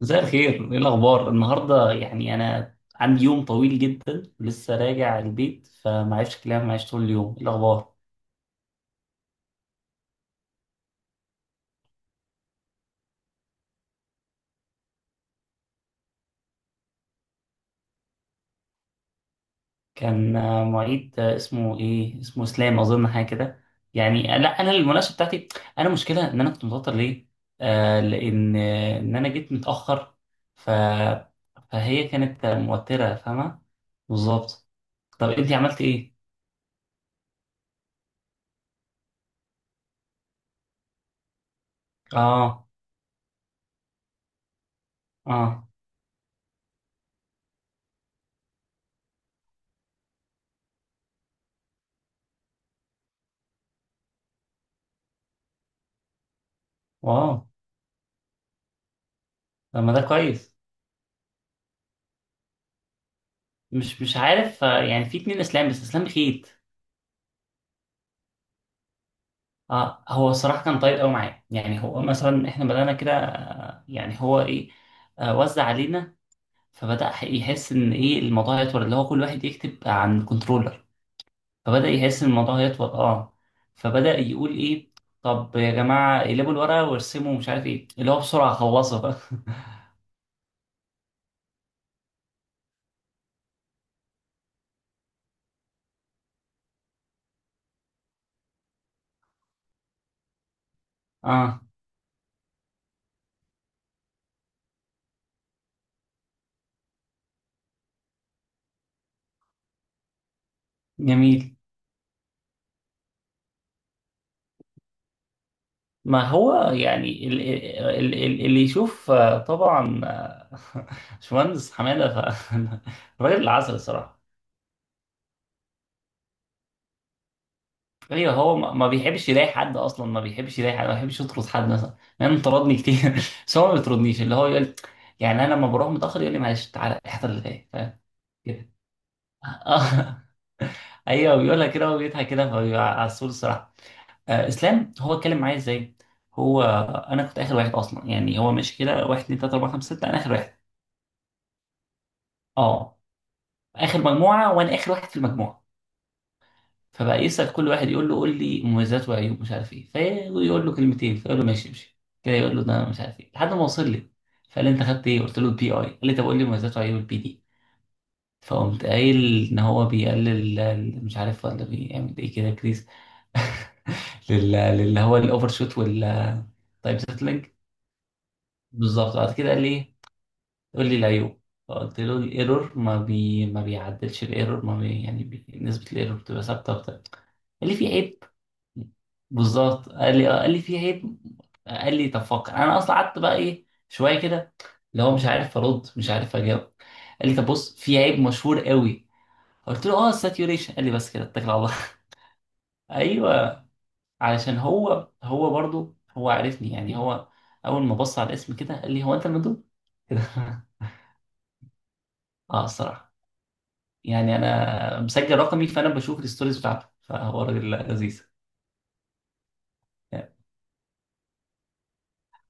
مساء الخير، ايه الاخبار؟ النهارده يعني انا عندي يوم طويل جدا لسه راجع البيت فمعرفش كلام معيش طول اليوم، ايه الاخبار؟ كان معيد اسمه ايه؟ اسمه اسلام اظن حاجه كده. يعني لا انا المناقشه بتاعتي. انا مشكله ان انا كنت متوتر ليه؟ لان ان انا جيت متاخر. ف فهي كانت موتره فاهمه؟ بالظبط. طب انتي عملتي ايه؟ اه، اه، واو. طب ما ده كويس. مش عارف يعني في اتنين اسلام بس اسلام خيت. اه، هو الصراحه كان طيب قوي معايا. يعني هو مثلا احنا بدانا كده يعني هو ايه وزع علينا. فبدا يحس ان ايه الموضوع يطول، اللي هو كل واحد يكتب عن كنترولر. فبدا يحس ان الموضوع يطول. اه فبدا يقول ايه، طب يا جماعه اقلبوا الورقه وارسموا مش عارف ايه، اللي هو بسرعه خلصوا بقى. اه. جميل. ما هو يعني اللي يشوف طبعا. باشمهندس حماده راجل العسل الصراحه. ايوه، هو ما بيحبش يلاقي حد، اصلا ما بيحبش يلاقي حد، ما بيحبش يطرد حد مثلا. يعني أنا طردني كتير بس هو ما بيطردنيش. اللي هو يقول، يعني انا لما بروح متاخر يقول لي معلش تعالى احضر اللي جاي، فاهم كده؟ آه، ايوه بيقولها كده وبيضحك كده فبيبقى عسول الصراحه. اسلام هو اتكلم معايا ازاي؟ هو انا كنت اخر واحد اصلا. يعني هو مش كده، واحد اتنين تلاته اربعه خمسه سته، انا اخر واحد. اه، اخر مجموعه وانا اخر واحد في المجموعه. فبقى يسال كل واحد، يقول له قول لي مميزات وعيوب مش عارف ايه، فيقول له كلمتين فيقول له ماشي امشي كده، يقول له ده مش عارف ايه، لحد ما وصل لي. فقال لي انت خدت ايه، قلت له البي اي. قال لي طب قول لي مميزات وعيوب البي دي. فقمت قايل ان هو بيقلل مش عارف ولا بيعمل ايه، كده كريز. للي هو الاوفر شوت والتايم سيتلينج. بالظبط. بعد كده قال لي ايه، قول لي العيوب. فقلت له الايرور ما بي ما بيعدلش، الايرور ما بي يعني بي... نسبه الايرور بتبقى ثابته وبتاع. قال لي في عيب. بالظبط. قال لي قال لي في عيب. قال لي طب فكر. انا اصلا قعدت بقى ايه شويه كده، اللي هو مش عارف ارد مش عارف اجاوب. قال لي طب بص، في عيب مشهور قوي. قلت له اه، الساتيوريشن. قال لي بس كده، اتكل على الله. ايوه. علشان هو هو برضو هو عارفني. يعني هو اول ما بص على الاسم كده قال لي هو انت المندوب كده. اه الصراحه. يعني انا مسجل رقمي فانا بشوف الستوريز بتاعته، فهو راجل لذيذ.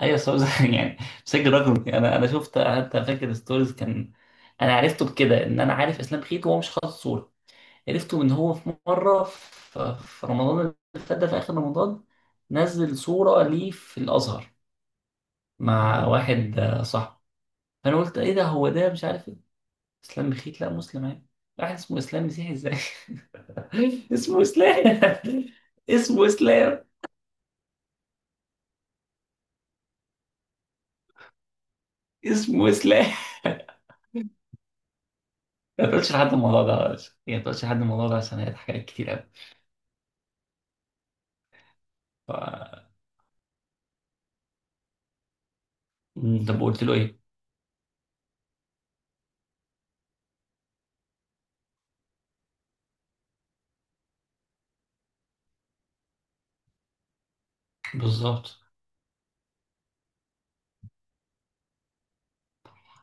ايوه صور يعني بشكل رقمي. انا شفت حتى فاكر ستوريز كان. انا عرفته بكده، ان انا عارف اسلام خيط وهو مش حاطط صوره. عرفته ان هو في مره في رمضان اللي فات، ده في اخر رمضان، نزل صوره ليه في الازهر مع واحد صاحبه. فانا قلت ايه ده، هو ده مش عارف ايه؟ اسلام خيط لا، مسلم عادي. واحد اسمه اسلام مسيحي ازاي؟ اسمه اسلام اسمه اسلام، اسمه اسلام. ما تقولش لحد الموضوع ده، يعني ما تقولش لحد الموضوع ده عشان هيضحك عليك كتير قوي. طب قلت له ايه؟ بالظبط.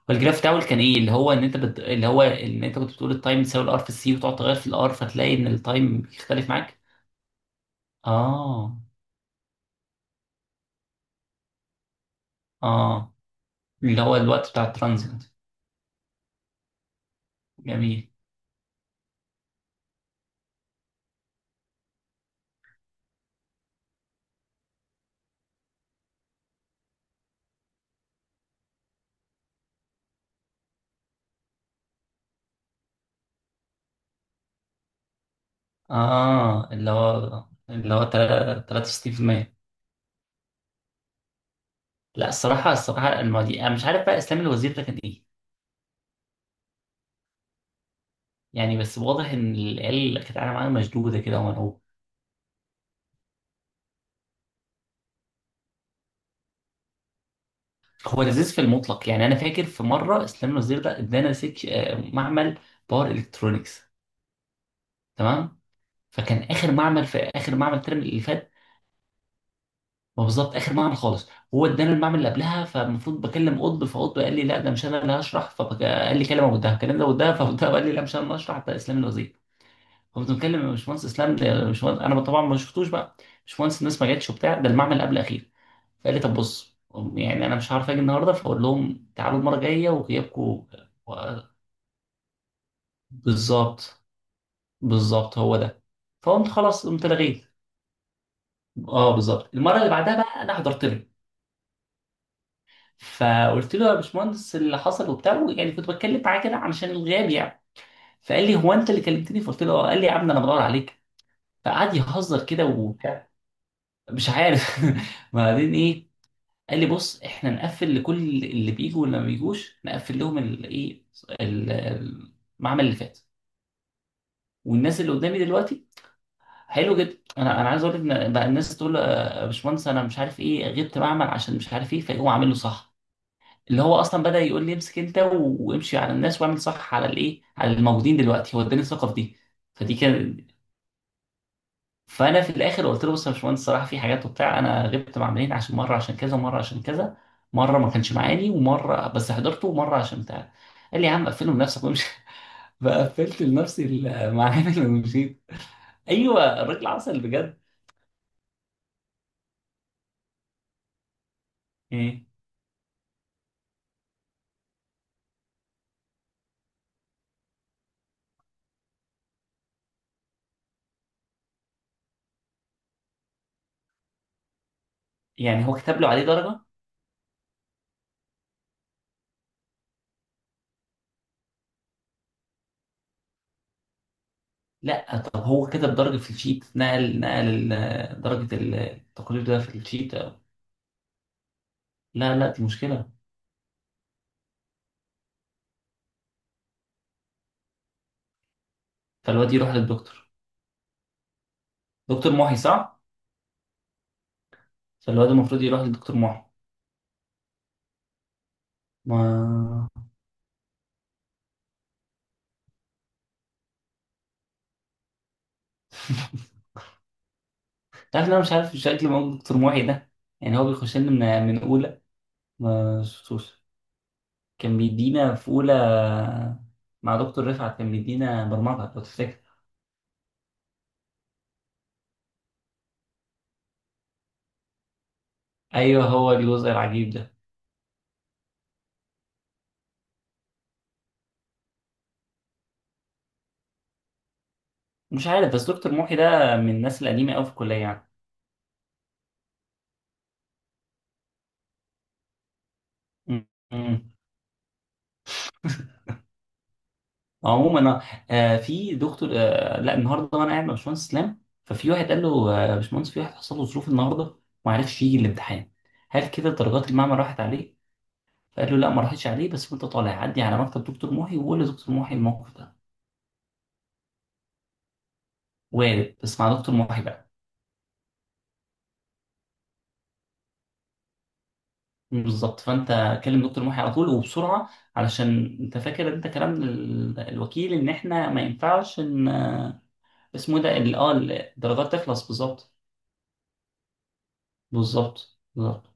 فالجراف بتاعه كان ايه، اللي هو ان انت بت... اللي هو ان انت كنت بتقول التايم تساوي الار في السي، وتقعد تغير في الار فتلاقي ان التايم بيختلف معاك. اه، اه، اللي هو الوقت بتاع الترانزيت. جميل. اه، اللي هو 63%. لا، الصراحه الصراحه المواضيع انا مش عارف بقى اسلام الوزير ده كان ايه. يعني بس واضح ان العيال اللي كانت قاعده معاه مشدوده كده ومرعوبه. هو هو لذيذ في المطلق. يعني انا فاكر في مره اسلام الوزير ده ادانا سك معمل باور الكترونكس، تمام؟ فكان اخر معمل، في اخر معمل الترم اللي فات. هو بالظبط اخر معمل خالص. هو ادانا المعمل اللي قبلها فالمفروض بكلم قطب، فقطب قال لي لا ده مش انا اللي هشرح، فقال لي كلمه ودها كلمه ده ودها، فقطب قال لي لا مش انا اللي هشرح ده اسلام الوزير. فكنت بكلم يا باشمهندس اسلام ده، يا باشمهندس انا طبعا ما شفتوش بقى، باشمهندس الناس ما جاتش وبتاع، ده المعمل قبل الاخير. فقال لي طب بص، يعني انا مش عارف اجي النهارده فاقول لهم تعالوا المره الجايه وغيابكم بالظبط، بالظبط هو ده. فقمت خلاص قمت لغيت. اه بالظبط. المره اللي بعدها بقى انا حضرت له فقلت له يا باشمهندس اللي حصل وبتاع، يعني كنت بتكلم معاه كده علشان الغياب يعني. فقال لي هو انت اللي كلمتني، فقلت له آه. قال لي يا عم انا بدور عليك. فقعد يهزر كده وبتاع. مش عارف. بعدين ايه؟ قال لي بص، احنا نقفل لكل اللي بيجوا واللي ما بيجوش، نقفل لهم الايه، المعمل اللي فات والناس اللي قدامي دلوقتي. حلو جدا. انا عايز اقول لك ان بقى الناس تقول له، يا باشمهندس انا مش عارف ايه غبت معمل عشان مش عارف ايه، فيقوم عامل له صح. اللي هو اصلا بدأ يقول لي امسك انت وامشي على الناس واعمل صح على الايه، على الموجودين دلوقتي. هو اداني الثقه في دي. فدي كان. فانا في الاخر قلت له بص يا باشمهندس الصراحه في حاجات وبتاع، انا غبت مع عاملين عشان مره عشان كذا ومره عشان كذا، مره ما كانش معاني ومره بس حضرته ومره عشان بتاع. قال لي يا عم قفله لنفسك وامشي. فقفلت لنفسي المعامل ومشيت. ايوه الراجل عسل بجد. إيه. يعني هو كتب له عليه درجه؟ لا، طب هو كتب درجه في الشيت، نقل درجه التقرير ده في الشيت؟ لا لا، دي مشكلة. فالواد يروح للدكتور، دكتور محي صح؟ فالواد المفروض يروح للدكتور محي. ما تعرف إن أنا مش عارف شكل موجود دكتور محي ده. يعني هو بيخش لنا من أولى، ما شفتوش. كان بيدينا في أولى مع دكتور رفعت، كان بيدينا برمجة لو تفتكر. أيوه، هو الجزء العجيب ده. مش عارف بس دكتور محي ده من الناس القديمة أوي في الكلية يعني. م- م. عموما في دكتور. لا النهارده وانا قاعد مع باشمهندس اسلام ففي واحد قال له يا باشمهندس في واحد حصل له ظروف النهارده وما عرفش يجي الامتحان، هل كده درجات المعمل راحت عليه؟ فقال له لا ما راحتش عليه، بس وانت طالع عدي على مكتب دكتور محي وقول لدكتور محي الموقف ده. وارد بس مع دكتور محي بقى. بالظبط. فانت كلم دكتور محي على طول وبسرعه علشان انت فاكر انت كلام الوكيل ان احنا ما ينفعش ان اسمه إيه ده الدرجات تخلص. بالظبط، بالظبط، بالظبط.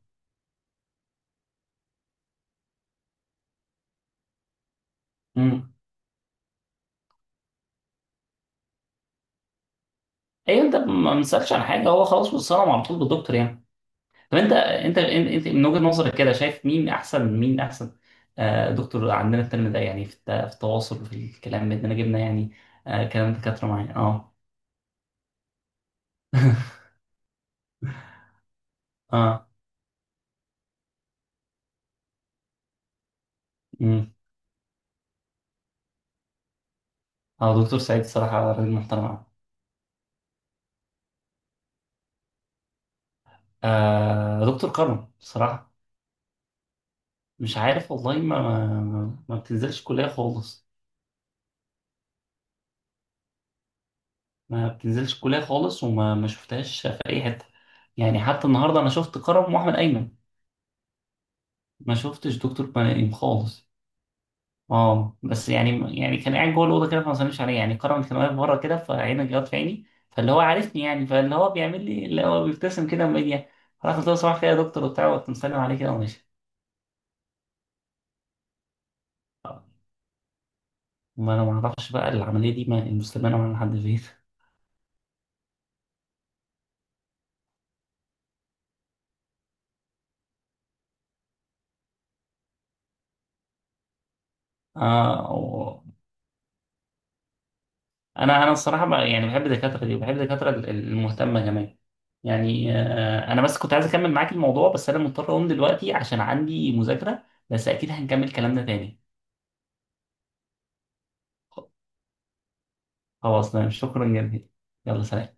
ايوه، انت ما بنسالش عن حاجه هو خلاص بيتصنم على طول بالدكتور يعني. طب انت انت من وجهه نظرك كده شايف مين احسن، مين احسن دكتور عندنا الترم ده يعني في في التواصل وفي الكلام بيننا جبنا يعني. كلام دكاتره معايا. اه. اه. امم اه دكتور سعيد الصراحه راجل محترم أوي. دكتور كرم الصراحه. مش عارف والله ما بتنزلش كليه خالص. ما بتنزلش كليه خالص، وما ما شفتهاش في اي حته. يعني حتى النهارده انا شفت كرم واحمد ايمن، ما شفتش دكتور بني خالص. اه بس يعني كان قاعد جوه الاوضه كده فما سلمش عليا يعني، كرم كان واقف بره كده فعينه جت في عيني، فاللي هو عارفني يعني فاللي هو بيعمل لي اللي هو بيبتسم كده وميديا، راح قلت له صباح الخير يا دكتور وبتاع وقت مسلم عليه كده وماشي. ما انا ما اعرفش بقى العمليه دي ما المستلمه من لحد فين. اه انا الصراحه بقى يعني بحب الدكاتره دي وبحب الدكاتره المهتمه كمان. يعني انا بس كنت عايز اكمل معاك الموضوع بس انا مضطر اقوم دلوقتي عشان عندي مذاكره. بس اكيد هنكمل كلامنا تاني. خلاص تمام، شكرا جدا. يلا سلام.